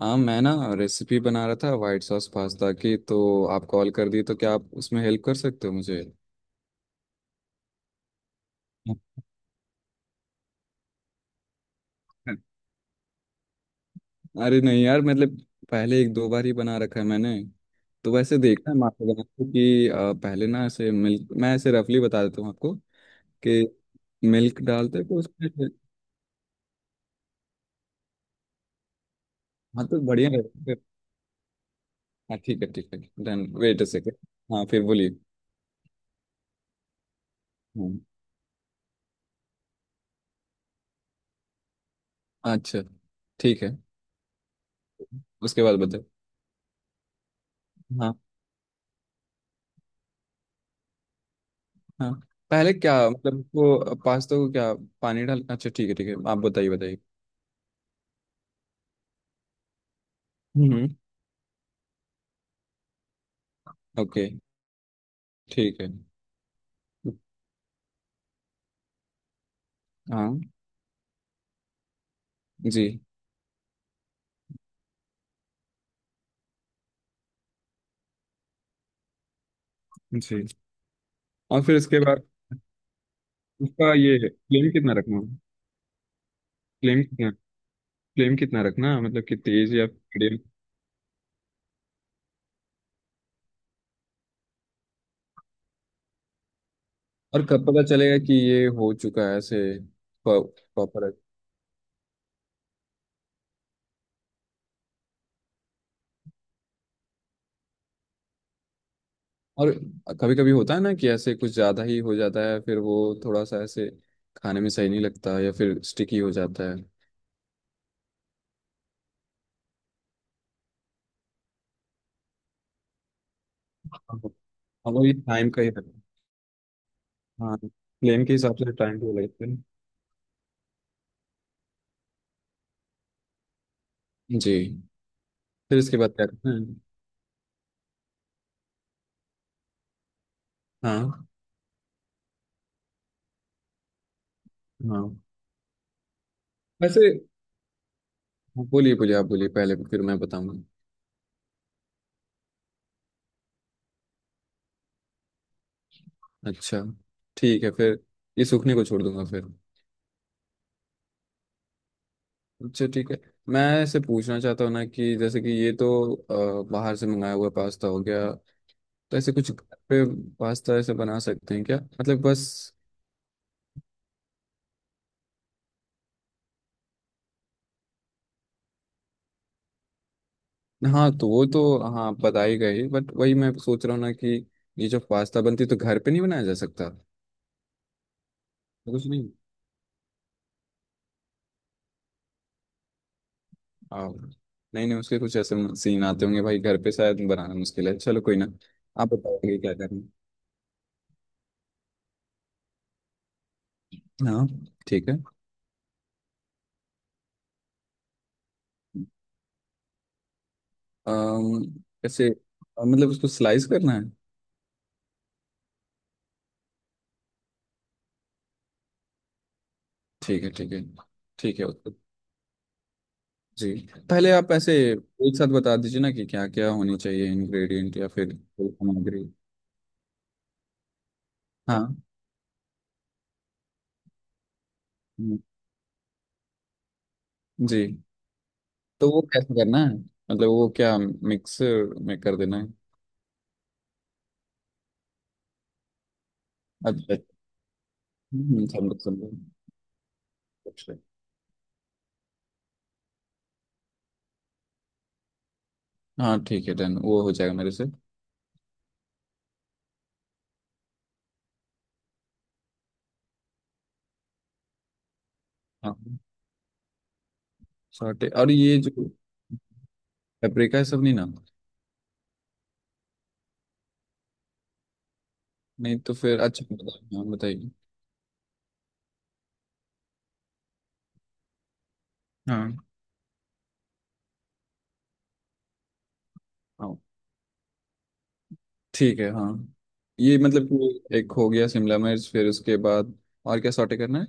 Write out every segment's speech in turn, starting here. हाँ, मैं ना रेसिपी बना रहा था वाइट सॉस पास्ता की, तो आप कॉल कर दी। तो क्या आप उसमें हेल्प कर सकते हो मुझे? अरे नहीं यार, मतलब पहले एक दो बार ही बना रखा है मैंने। तो वैसे देखना है, मैं आपको बनाते कि पहले ना ऐसे मिल्क, मैं ऐसे रफली बता देता हूँ आपको कि मिल्क डालते हैं, तो उसमें। हाँ तो बढ़िया रहेगा। हाँ ठीक है ठीक है। डन। Wait a second. हाँ फिर बोलिए। हम्म, अच्छा ठीक है। उसके बाद बताओ। हाँ पहले क्या मतलब वो पास्ता को क्या, पानी डाल, अच्छा ठीक है ठीक है, आप बताइए बताइए। हम्म। ओके। ठीक है। हाँ। जी। जी। और फिर इसके बाद उसका ये फ्लेम कितना रखना? फ्लेम कितना? फ्लेम कितना रखना, मतलब कि तेज या मीडियम? और कब पता चलेगा कि ये हो चुका है ऐसे प्रॉपर? और कभी कभी होता है ना कि ऐसे कुछ ज़्यादा ही हो जाता है, फिर वो थोड़ा सा ऐसे खाने में सही नहीं लगता या फिर स्टिकी हो जाता है। और वो ये टाइम का ही है। हाँ, प्लेन के हिसाब से टाइम टू लगते हैं। जी। फिर इसके बाद क्या करते हैं? हाँ हाँ। वैसे, हाँ, बोलिए बोलिए, आप बोलिए पहले फिर मैं बताऊंगा। अच्छा ठीक है। फिर ये सूखने को छोड़ दूंगा फिर? अच्छा ठीक है। मैं इसे पूछना चाहता हूँ ना कि जैसे कि ये तो बाहर से मंगाया हुआ पास्ता हो गया, तो ऐसे कुछ घर पे पास्ता ऐसे बना सकते हैं क्या, मतलब बस? हाँ तो वो तो, हाँ आप बता ही गए बट वही मैं सोच रहा हूँ ना कि ये जो पास्ता बनती है, तो घर पे नहीं बनाया जा सकता तो। कुछ नहीं। हाँ। नहीं नहीं, उसके कुछ ऐसे सीन आते होंगे भाई, घर पे शायद बनाना मुश्किल है, चलो कोई ना। आप बताओगे क्या करना है? हाँ ठीक है। अम, कैसे मतलब उसको स्लाइस करना है? ठीक है ठीक है। ठीक है उसको। जी। पहले आप ऐसे एक साथ बता दीजिए ना कि क्या क्या होनी चाहिए, इंग्रेडिएंट या फिर कोई सामग्री? हाँ। हम्म, जी। तो वो कैसे करना है, मतलब वो क्या मिक्स में कर देना है? अच्छा, समझ समझ। अच्छा, हाँ ठीक है, डन, वो हो जाएगा मेरे से। हाँ, सॉटे और ये जो पेपरिका है सब नहीं ना? नहीं तो फिर अच्छा, हाँ बताइए। हाँ हाँ ठीक है हाँ। ये मतलब कि एक हो गया शिमला मिर्च, फिर उसके बाद और क्या सॉटे करना है?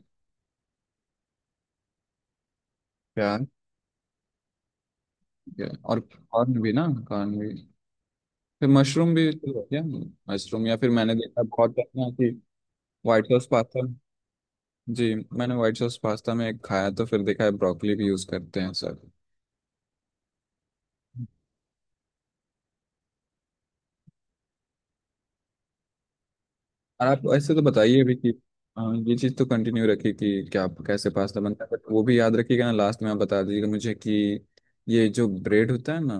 प्याज। ठीक है। और कॉर्न भी ना कॉर्न भी, फिर मशरूम भी तो है क्या? मशरूम, या फिर मैंने देखा बहुत ना कि व्हाइट सॉस पास्ता। जी, मैंने व्हाइट सॉस पास्ता में खाया तो फिर देखा है ब्रोकली भी यूज करते हैं सर। और आप ऐसे तो बताइए अभी कि हाँ, ये चीज़ तो कंटिन्यू रखिए कि क्या आप, कैसे पास्ता बनता है, बट वो भी याद रखिएगा ना, लास्ट में आप बता दीजिएगा मुझे कि ये जो ब्रेड होता है ना,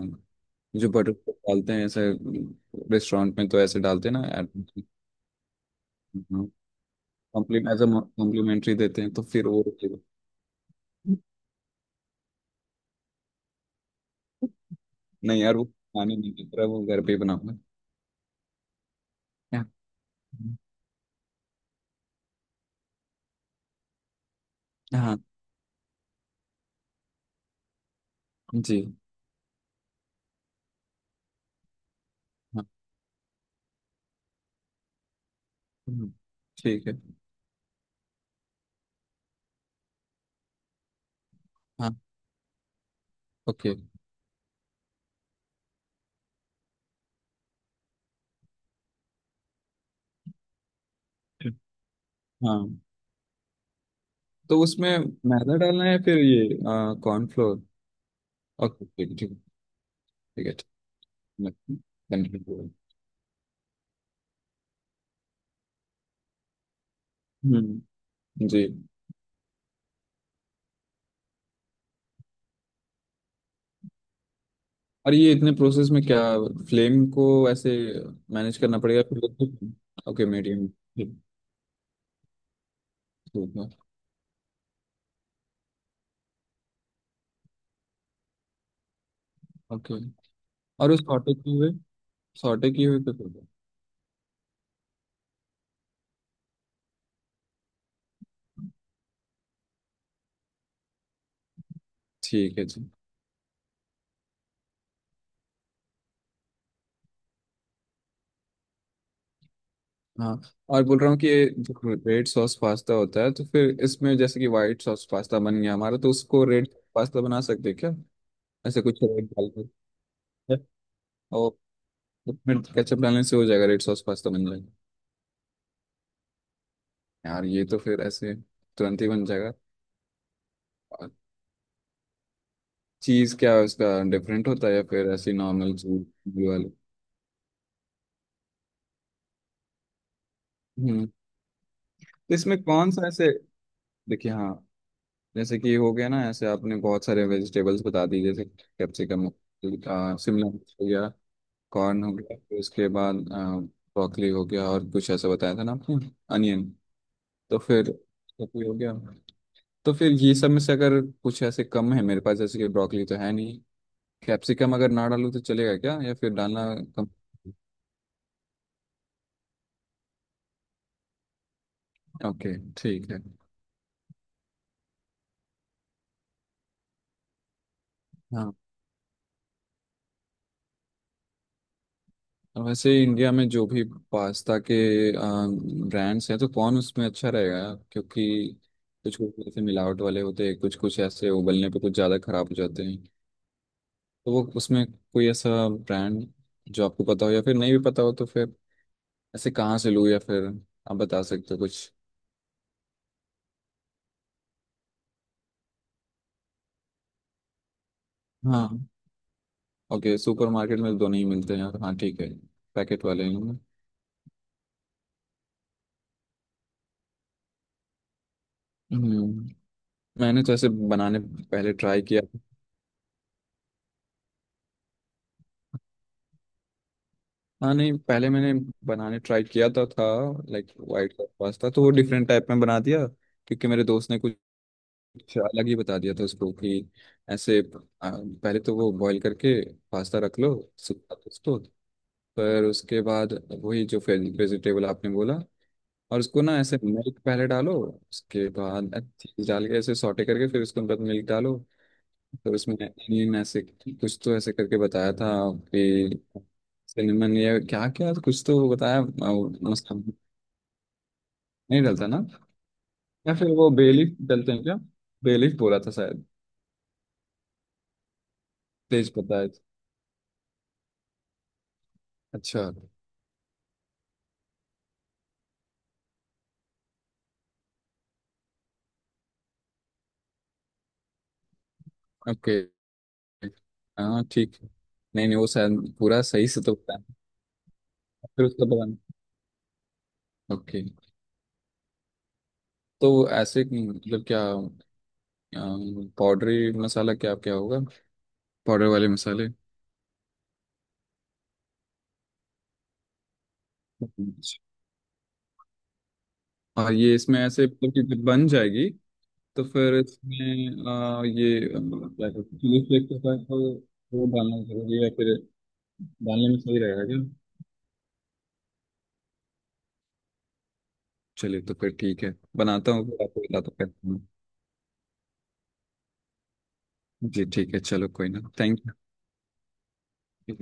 जो बटर डालते हैं ऐसे रेस्टोरेंट में तो ऐसे डालते हैं ना? कॉम्प्लीमेंट एज अ, कॉम्प्लीमेंट्री देते हैं तो फिर वो? नहीं यार, वो खाने नहीं की तरह वो घर पे ही बनाऊंगा। क्या? हाँ जी, हाँ ठीक है, हाँ ओके। हाँ तो उसमें मैदा डालना है फिर ये कॉर्नफ्लोर? ओके ठीक ठीक, ठीक है ठीक है। हम्म, जी। और ये इतने प्रोसेस में क्या, फ्लेम को ऐसे मैनेज करना पड़ेगा फिर? Okay medium. ठीक है ओके। और उस सॉटे किए हुए, सॉटे किए हुए पे कर दो। ठीक है जी हाँ। और बोल रहा हूँ कि ये जो रेड सॉस पास्ता होता है, तो फिर इसमें जैसे कि व्हाइट सॉस पास्ता बन गया हमारा, तो उसको रेड पास्ता बना सकते हैं क्या? ऐसे कुछ रेड डाल के। तो फिर केचप डालने से हो जाएगा, रेड सॉस पास्ता बन जाएगा? यार ये तो फिर ऐसे तुरंत ही बन जाएगा। चीज क्या है, उसका डिफरेंट होता है या फिर ऐसी नॉर्मल चीज? वाले। हम्म। तो इसमें कौन सा ऐसे, देखिए हाँ। जैसे कि हो गया ना ऐसे, आपने बहुत सारे वेजिटेबल्स बता दी जैसे कैप्सिकम, शिमला मिर्च हो गया, कॉर्न हो गया, फिर उसके बाद ब्रोकली हो गया, और कुछ ऐसा बताया था ना आपने, अनियन। तो फिर ये हो गया। तो फिर ये सब में से अगर कुछ ऐसे कम है मेरे पास, जैसे कि ब्रोकली तो है नहीं, कैप्सिकम अगर ना डालूँ तो चलेगा क्या, या फिर डालना कम? ओके ठीक है हाँ। और वैसे इंडिया में जो भी पास्ता के ब्रांड्स हैं, तो कौन उसमें अच्छा रहेगा, क्योंकि कुछ कुछ ऐसे मिलावट वाले होते हैं, कुछ कुछ ऐसे उबलने पे कुछ ज़्यादा खराब हो जाते हैं। तो वो उसमें कोई ऐसा ब्रांड जो आपको पता हो या फिर नहीं भी पता हो, तो फिर ऐसे कहाँ से लूँ, या फिर आप बता सकते हो कुछ? हाँ। ओके, सुपर मार्केट में तो दोनों ही मिलते हैं। हाँ ठीक है। पैकेट वाले हैं। हम्म। मैंने तो ऐसे बनाने पहले ट्राई किया। हाँ नहीं, पहले मैंने बनाने ट्राई किया था। लाइक वाइट सॉस पास्ता, तो वो डिफरेंट टाइप में बना दिया क्योंकि मेरे दोस्त ने कुछ कुछ अलग ही बता दिया था उसको कि ऐसे पहले तो वो बॉईल करके पास्ता रख लो सूखा उसको। पर उसके बाद वही जो वेजिटेबल आपने बोला, और उसको ना ऐसे मिल्क पहले डालो, उसके बाद चीज डाल के ऐसे सॉटे करके फिर उसके बाद मिल्क डालो। तो उसमें एनियन ऐसे कुछ तो ऐसे करके बताया था। कि सिनेमन ये क्या क्या कुछ तो बताया। वो मसाला नहीं डलता ना? या फिर वो बेलीफ डलते हैं क्या? बेलीफ बोला था शायद। तेज पत्ता है? अच्छा ओके हाँ ठीक। नहीं नहीं, वो शायद पूरा सही से तो बताया, फिर उसका बताना ओके। तो ऐसे मतलब क्या पाउडरी मसाला क्या क्या होगा, पाउडर वाले मसाले? और ये इसमें ऐसे मतलब कि जब बन जाएगी तो फिर इसमें ये क्या कहते हैं चिली फ्लेक्स के साथ वो डालना जरूरी है फिर? डालने में सही रहेगा क्या? चलिए तो फिर ठीक है, बनाता हूँ फिर आपको बताता हूँ कैसे बनाऊं। जी ठीक है, चलो कोई ना, थैंक यू।